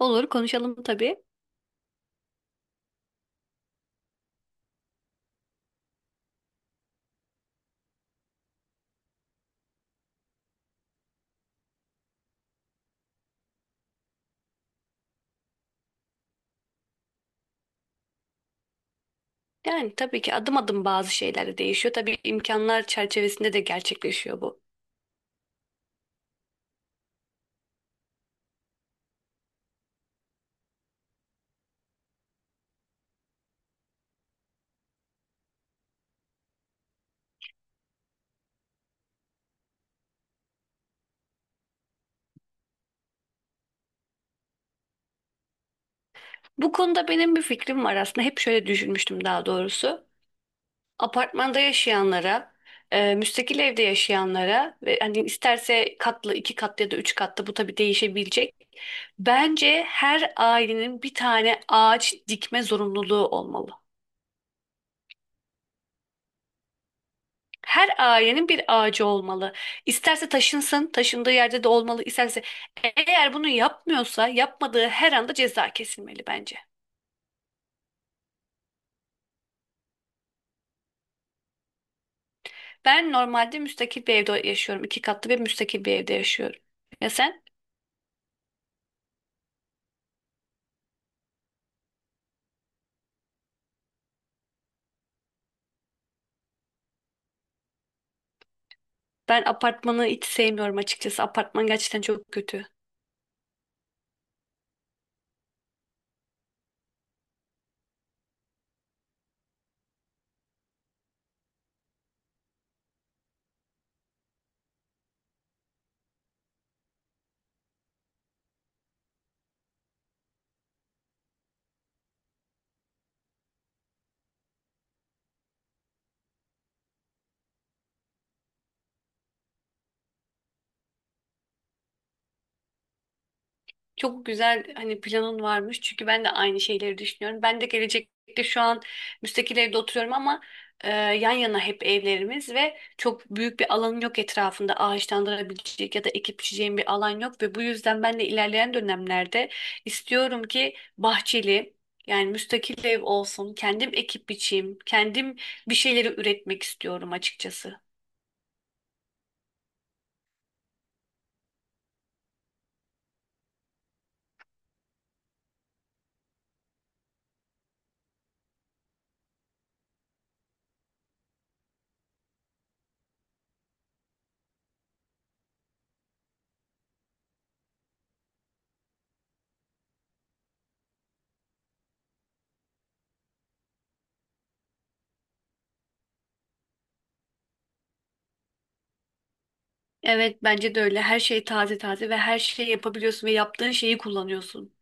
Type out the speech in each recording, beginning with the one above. Olur konuşalım tabii. Yani tabii ki adım adım bazı şeyler de değişiyor. Tabii imkanlar çerçevesinde de gerçekleşiyor bu. Bu konuda benim bir fikrim var aslında. Hep şöyle düşünmüştüm daha doğrusu. Apartmanda yaşayanlara, müstakil evde yaşayanlara ve hani isterse katlı, iki katlı ya da üç katlı bu tabii değişebilecek. Bence her ailenin bir tane ağaç dikme zorunluluğu olmalı. Her ailenin bir ağacı olmalı. İsterse taşınsın, taşındığı yerde de olmalı. İsterse eğer bunu yapmıyorsa yapmadığı her anda ceza kesilmeli bence. Ben normalde müstakil bir evde yaşıyorum. İki katlı bir müstakil bir evde yaşıyorum. Ya sen? Ben apartmanı hiç sevmiyorum açıkçası. Apartman gerçekten çok kötü. Çok güzel hani planın varmış. Çünkü ben de aynı şeyleri düşünüyorum. Ben de gelecekte şu an müstakil evde oturuyorum ama yan yana hep evlerimiz ve çok büyük bir alanım yok etrafında ağaçlandırabilecek ya da ekip biçeceğim bir alan yok ve bu yüzden ben de ilerleyen dönemlerde istiyorum ki bahçeli yani müstakil ev olsun. Kendim ekip biçeyim. Kendim bir şeyleri üretmek istiyorum açıkçası. Evet bence de öyle. Her şey taze taze ve her şeyi yapabiliyorsun ve yaptığın şeyi kullanıyorsun.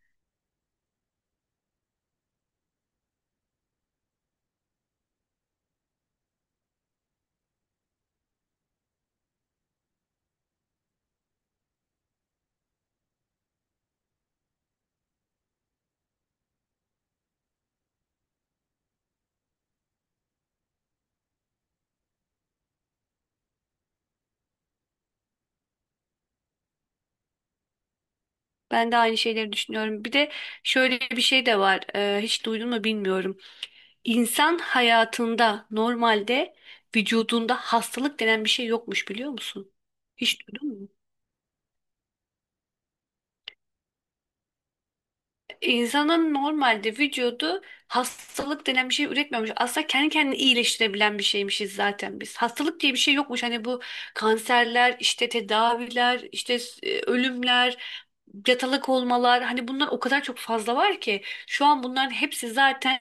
Ben de aynı şeyleri düşünüyorum. Bir de şöyle bir şey de var. Hiç duydun mu bilmiyorum. İnsan hayatında normalde vücudunda hastalık denen bir şey yokmuş biliyor musun? Hiç duydun mu? İnsanın normalde vücudu hastalık denen bir şey üretmiyormuş. Aslında kendi kendini iyileştirebilen bir şeymişiz zaten biz. Hastalık diye bir şey yokmuş. Hani bu kanserler, işte tedaviler, işte ölümler, yatalak olmalar. Hani bunlar o kadar çok fazla var ki. Şu an bunların hepsi zaten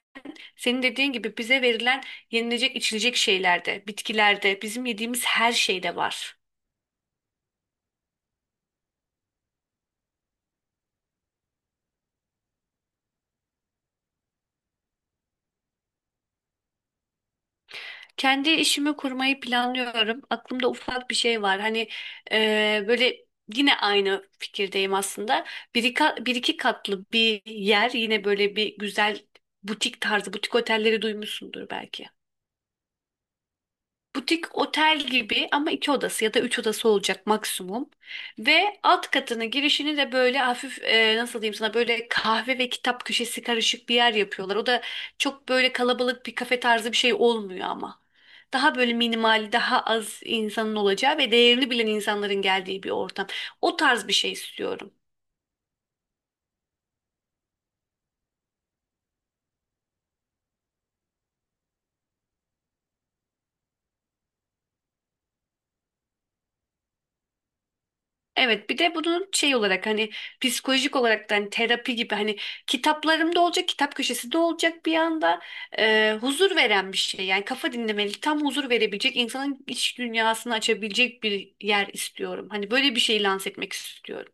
senin dediğin gibi bize verilen yenilecek içilecek şeylerde, bitkilerde, bizim yediğimiz her şeyde var. Kendi işimi kurmayı planlıyorum. Aklımda ufak bir şey var. Hani böyle yine aynı fikirdeyim aslında. Bir iki katlı bir yer yine böyle bir güzel butik tarzı, butik otelleri duymuşsundur belki. Butik otel gibi ama iki odası ya da üç odası olacak maksimum. Ve alt katının girişini de böyle hafif nasıl diyeyim sana böyle kahve ve kitap köşesi karışık bir yer yapıyorlar. O da çok böyle kalabalık bir kafe tarzı bir şey olmuyor ama. Daha böyle minimal, daha az insanın olacağı ve değerini bilen insanların geldiği bir ortam. O tarz bir şey istiyorum. Evet bir de bunun şey olarak hani psikolojik olarak da hani terapi gibi hani kitaplarımda olacak kitap köşesinde olacak bir anda huzur veren bir şey. Yani kafa dinlemeli tam huzur verebilecek insanın iç dünyasını açabilecek bir yer istiyorum. Hani böyle bir şey lanse etmek istiyorum.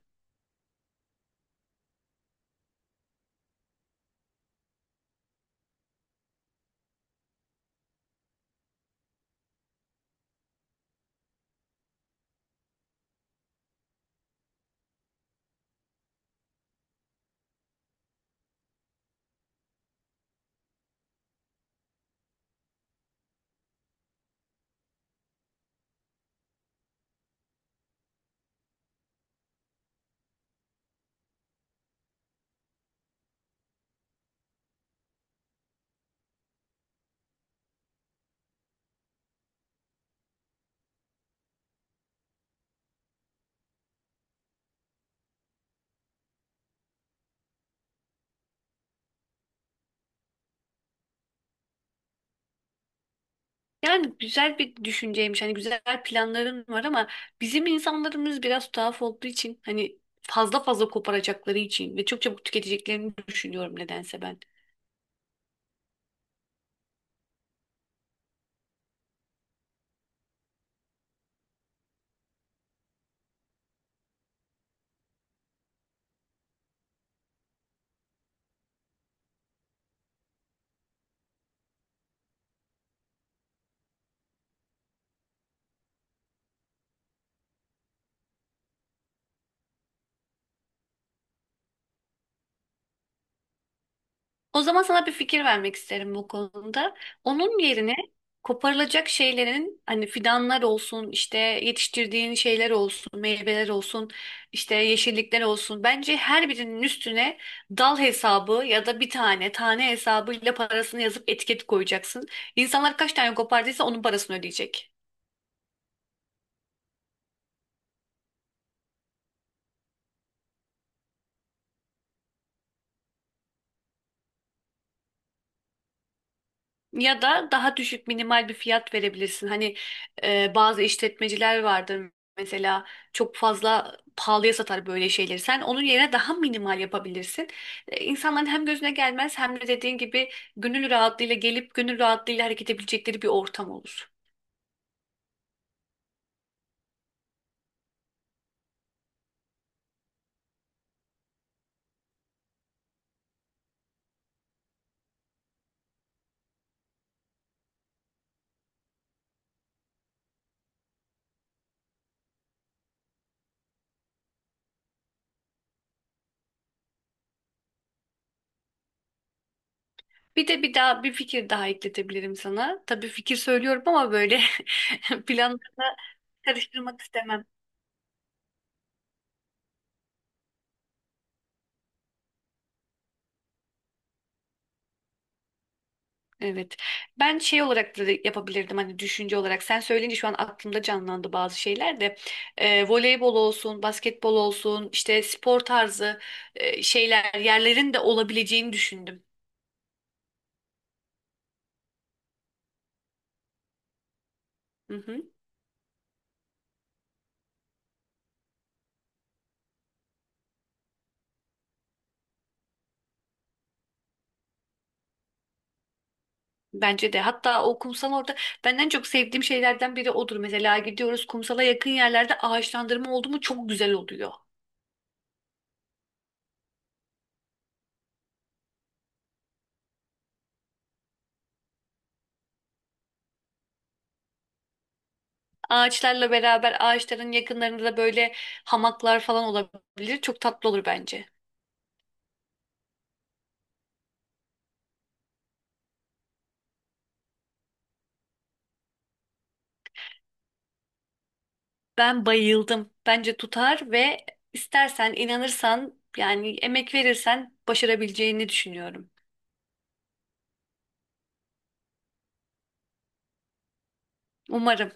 Yani güzel bir düşünceymiş hani güzel planların var ama bizim insanlarımız biraz tuhaf olduğu için hani fazla fazla koparacakları için ve çok çabuk tüketeceklerini düşünüyorum nedense ben. O zaman sana bir fikir vermek isterim bu konuda. Onun yerine koparılacak şeylerin hani fidanlar olsun, işte yetiştirdiğin şeyler olsun, meyveler olsun, işte yeşillikler olsun. Bence her birinin üstüne dal hesabı ya da bir tane tane hesabıyla parasını yazıp etiket koyacaksın. İnsanlar kaç tane kopardıysa onun parasını ödeyecek. Ya da daha düşük minimal bir fiyat verebilirsin. Hani bazı işletmeciler vardır mesela çok fazla pahalıya satar böyle şeyleri. Sen onun yerine daha minimal yapabilirsin. İnsanların hem gözüne gelmez hem de dediğin gibi gönül rahatlığıyla gelip gönül rahatlığıyla hareket edebilecekleri bir ortam olur. Bir de bir daha bir fikir daha ekletebilirim sana. Tabii fikir söylüyorum ama böyle planlarına karıştırmak istemem. Evet. Ben şey olarak da yapabilirdim hani düşünce olarak. Sen söyleyince şu an aklımda canlandı bazı şeyler de. Voleybol olsun, basketbol olsun, işte spor tarzı şeyler, yerlerin de olabileceğini düşündüm. Hı hı. Bence de. Hatta o kumsal orada ben en çok sevdiğim şeylerden biri odur. Mesela gidiyoruz kumsala yakın yerlerde ağaçlandırma oldu mu çok güzel oluyor. Ağaçlarla beraber ağaçların yakınlarında da böyle hamaklar falan olabilir. Çok tatlı olur bence. Ben bayıldım. Bence tutar ve istersen, inanırsan, yani emek verirsen başarabileceğini düşünüyorum. Umarım.